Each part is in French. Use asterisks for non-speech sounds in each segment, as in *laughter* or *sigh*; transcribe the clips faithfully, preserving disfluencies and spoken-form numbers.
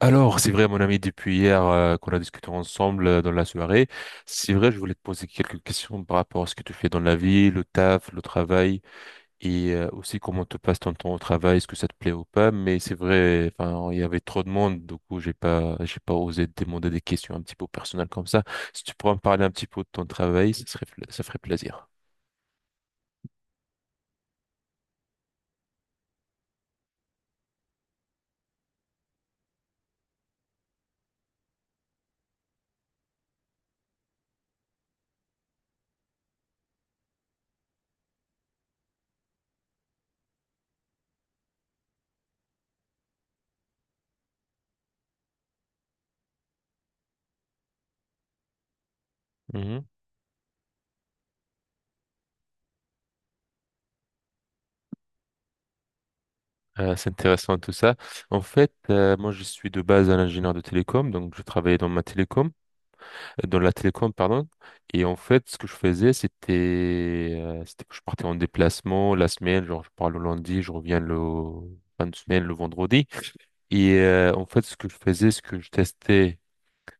Alors, c'est vrai, mon ami, depuis hier euh, qu'on a discuté ensemble euh, dans la soirée, c'est vrai, je voulais te poser quelques questions par rapport à ce que tu fais dans la vie, le taf, le travail, et euh, aussi comment te passe ton temps au travail, est-ce que ça te plaît ou pas. Mais c'est vrai, enfin, il y avait trop de monde, du coup, j'ai pas, j'ai pas osé te demander des questions un petit peu personnelles comme ça. Si tu pourrais me parler un petit peu de ton travail, ça serait, ça ferait plaisir. Mhm. Euh, c'est intéressant tout ça. En fait, euh, moi je suis de base un ingénieur de télécom, donc je travaillais dans ma télécom, euh, dans la télécom, pardon. Et en fait, ce que je faisais, c'était, euh, c'était que je partais en déplacement la semaine, genre je pars le lundi, je reviens le fin de semaine, le vendredi. Et euh, en fait, ce que je faisais, c'est que je testais,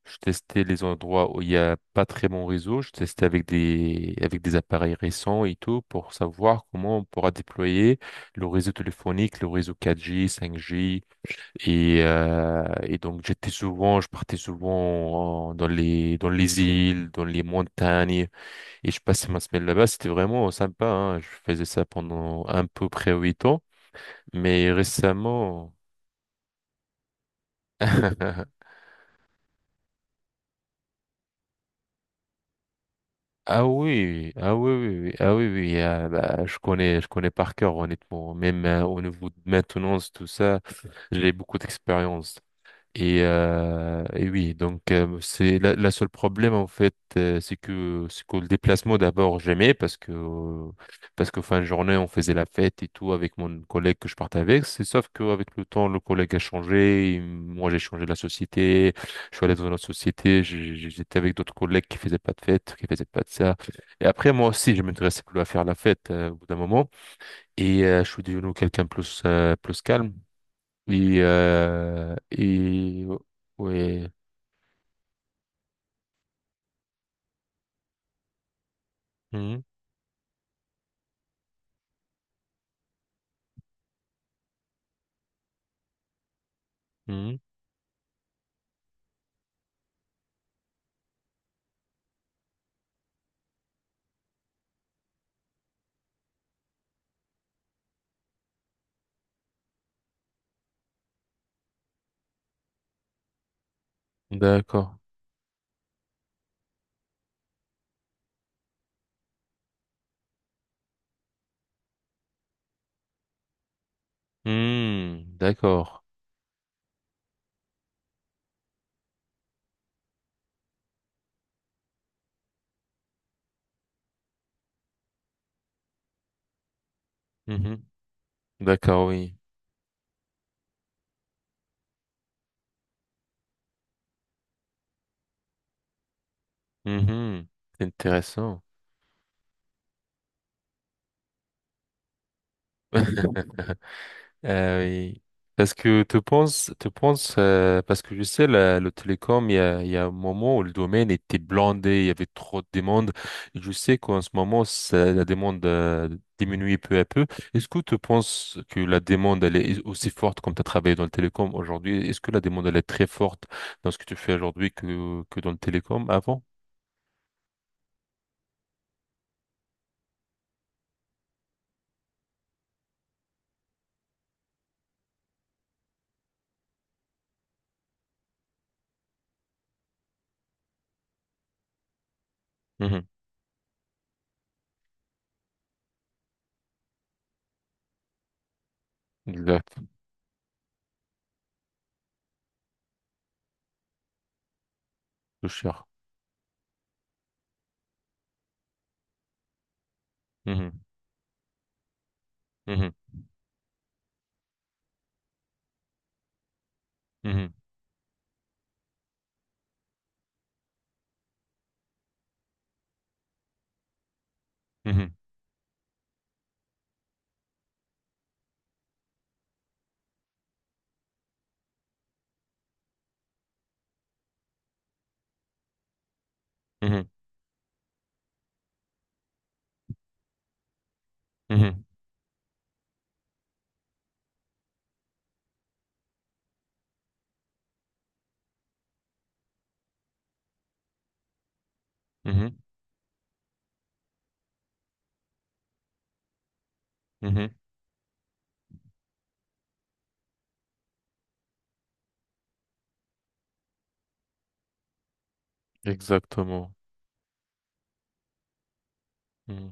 je testais les endroits où il n'y a pas très bon réseau. Je testais avec des, avec des appareils récents et tout pour savoir comment on pourra déployer le réseau téléphonique, le réseau quatre G, cinq G. Et, euh, et donc, j'étais souvent, je partais souvent en- dans les, dans les îles, dans les montagnes et je passais ma semaine là-bas. C'était vraiment sympa, hein. Je faisais ça pendant à peu près huit ans. Mais récemment, *laughs* ah oui, ah oui, oui, oui, ah oui, oui, ah bah, je connais, je connais par cœur, honnêtement. Même euh, au niveau de maintenance, tout ça, j'ai beaucoup d'expérience. Et, euh, et oui, donc euh, c'est la, la seule problème en fait, euh, c'est que c'est que le déplacement d'abord j'aimais parce que euh, parce que fin de journée on faisait la fête et tout avec mon collègue que je partais avec. C'est sauf qu'avec le temps le collègue a changé, et moi j'ai changé de la société, je suis allé dans une autre société, j'ai- j'ai- j'étais avec d'autres collègues qui faisaient pas de fête, qui faisaient pas de ça. Et après moi aussi je m'intéressais plus à faire la fête euh, au bout d'un moment et euh, je suis devenu quelqu'un plus euh, plus calme. Et, euh, et ouais. Mhm, mhm. D'accord. Hmm, d'accord. Mhm, d'accord, oui. Mhm. C'est intéressant. *laughs* Euh, oui. Parce que tu penses, tu penses, euh, parce que je sais, la- le télécom, il y a, il y a un moment où le domaine était blindé, il y avait trop de demandes. Et je sais qu'en ce moment, ça- la demande euh, diminue peu à peu. Est-ce que tu penses que la demande, elle est aussi forte comme tu as travaillé dans le télécom aujourd'hui? Est-ce que la demande, elle est très forte dans ce que tu fais aujourd'hui que, que dans le télécom avant? Mhm. Exact. Plus cher. Mhm. Mhm. Mhm. Mhm. Mhm. Mhm. Mhm. Mhm. Exactement. Hmm.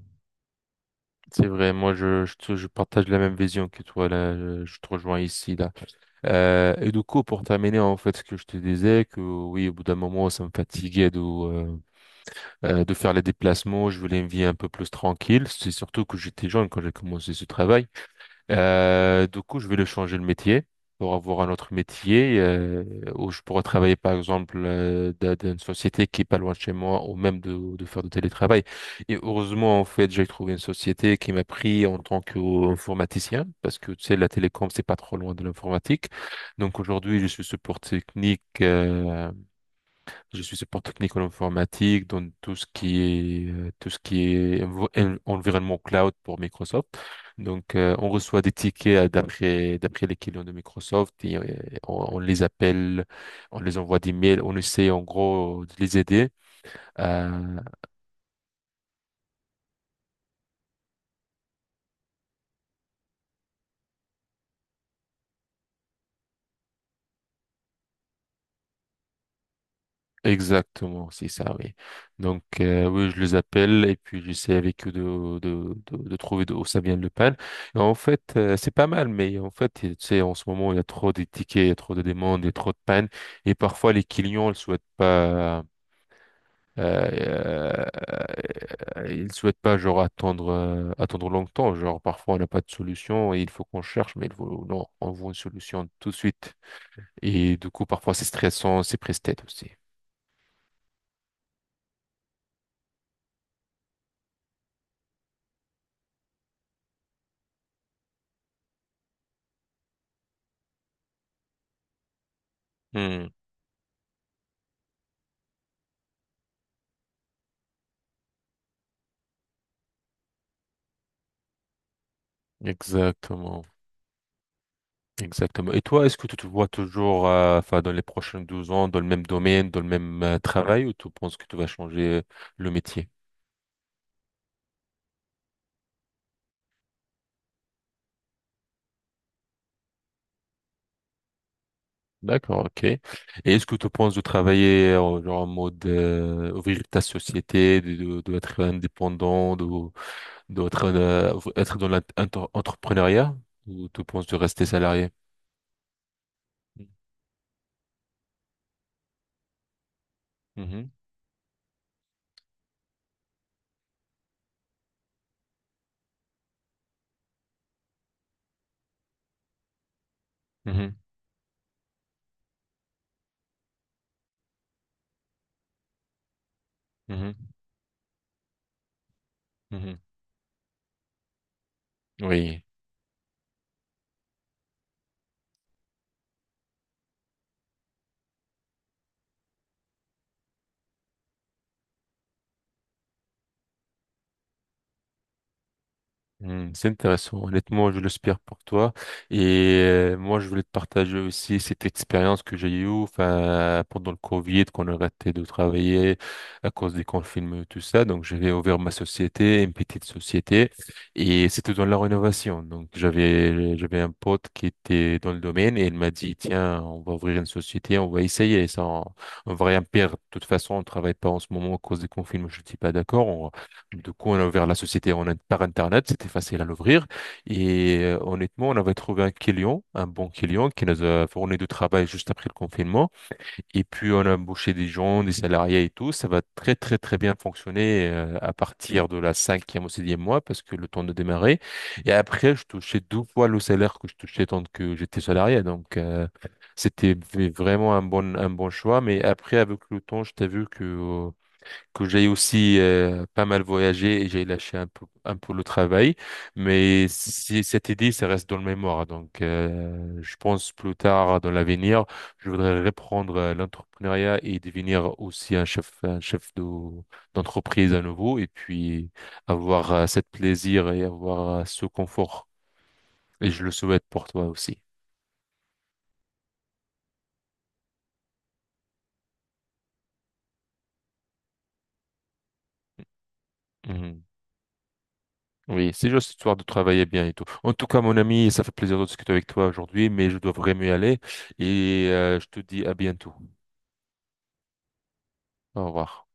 C'est vrai, moi je, je, te- je partage la même vision que toi là, je je te rejoins ici là. Euh, et du coup pour terminer en fait ce que je te disais que oui au bout d'un moment ça me fatiguait de euh, euh, de faire les déplacements, je voulais une vie un peu plus tranquille. C'est surtout que j'étais jeune quand j'ai commencé ce travail. Euh, du coup, je vais le changer le métier pour avoir un autre métier euh, où je pourrais travailler, par exemple, euh, dans dans une société qui est pas loin de chez moi ou même de, de faire du télétravail. Et heureusement, en fait, j'ai trouvé une société qui m'a pris en tant qu'informaticien parce que, tu sais, la télécom, c'est pas trop loin de l'informatique. Donc, aujourd'hui, je suis support technique euh, je suis support technique en informatique, dans tout ce qui est, euh, tout ce qui est env- en- environnement cloud pour Microsoft. Donc, euh, on reçoit des tickets euh, d'après, d'après les clients de Microsoft et, euh, on, on les appelle, on les envoie des mails, on essaie en gros de les aider. Exactement, c'est ça, oui. Donc, euh, oui, je les appelle et puis j'essaie avec eux de, de, de, de trouver d'où ça vient le pan. Et en fait, euh, c'est pas mal, mais en fait, tu sais, en ce moment, il y a trop de tickets, il y a trop de demandes, il y a trop de pannes. Et parfois, les clients ne souhaitent pas, euh, euh, euh, ils souhaitent pas, genre, attendre, euh, attendre longtemps. Genre, parfois, on n'a pas de solution et il faut qu'on cherche, mais il faut, non, on veut une solution tout de suite. Et du coup, parfois, c'est stressant, c'est presse-tête aussi. Hmm, exactement, exactement. Et toi, est-ce que tu te vois toujours, euh, enfin, dans les prochains douze ans, dans le même domaine, dans le même euh, travail, ou tu penses que tu vas changer euh, le métier? D'accord, ok. Et est-ce que tu penses de travailler euh, genre en mode euh, ouvrir ta société, de, de, de être indépendant, de, d'autres euh, être dans l'entrepreneuriat ou tu penses de rester salarié? Mhm, mhm, mhm, mhm. Oui. Hmm, c'est intéressant. Honnêtement, je l'espère pour toi. Et euh, moi, je voulais te partager aussi cette expérience que j'ai eue, enfin, pendant le Covid, qu'on a arrêté de travailler à cause des confinements et tout ça. Donc, j'avais ouvert ma société, une petite société, et c'était dans la rénovation. Donc, j'avais j'avais un pote qui était dans le domaine et il m'a dit, tiens, on va ouvrir une société, on va essayer ça, on, on va rien perdre. De toute façon, on travaille pas en ce moment à cause des confinements. Je dis pas d'accord. Du coup, on a ouvert la société en par Internet, c'était facile à l'ouvrir. Et euh, honnêtement, on avait trouvé un client, un bon client, qui nous a fourni du travail juste après le confinement. Et puis, on a embauché des gens, des salariés et tout. Ça va très, très, très bien fonctionner euh, à partir de la cinquième ou sixième mois, parce que le temps de démarrer. Et après, je touchais deux fois le salaire que je touchais tant que j'étais salarié. Donc, euh, c'était v- vraiment un bon, un bon choix. Mais après, avec le temps, je t'ai vu que... euh, que j'ai aussi euh, pas mal voyagé et j'ai lâché un peu, un peu le travail. Mais si cette idée, ça reste dans le mémoire. Donc, euh, je pense plus tard dans l'avenir, je voudrais reprendre euh, l'entrepreneuriat et devenir aussi un chef, un chef de, d'entreprise à nouveau et puis avoir euh, cette plaisir et avoir euh, ce confort. Et je le souhaite pour toi aussi. Mmh. Oui, c'est juste histoire de travailler bien et tout. En tout cas, mon ami, ça fait plaisir de discuter avec toi aujourd'hui, mais je dois vraiment y aller et euh, je te dis à bientôt. Au revoir.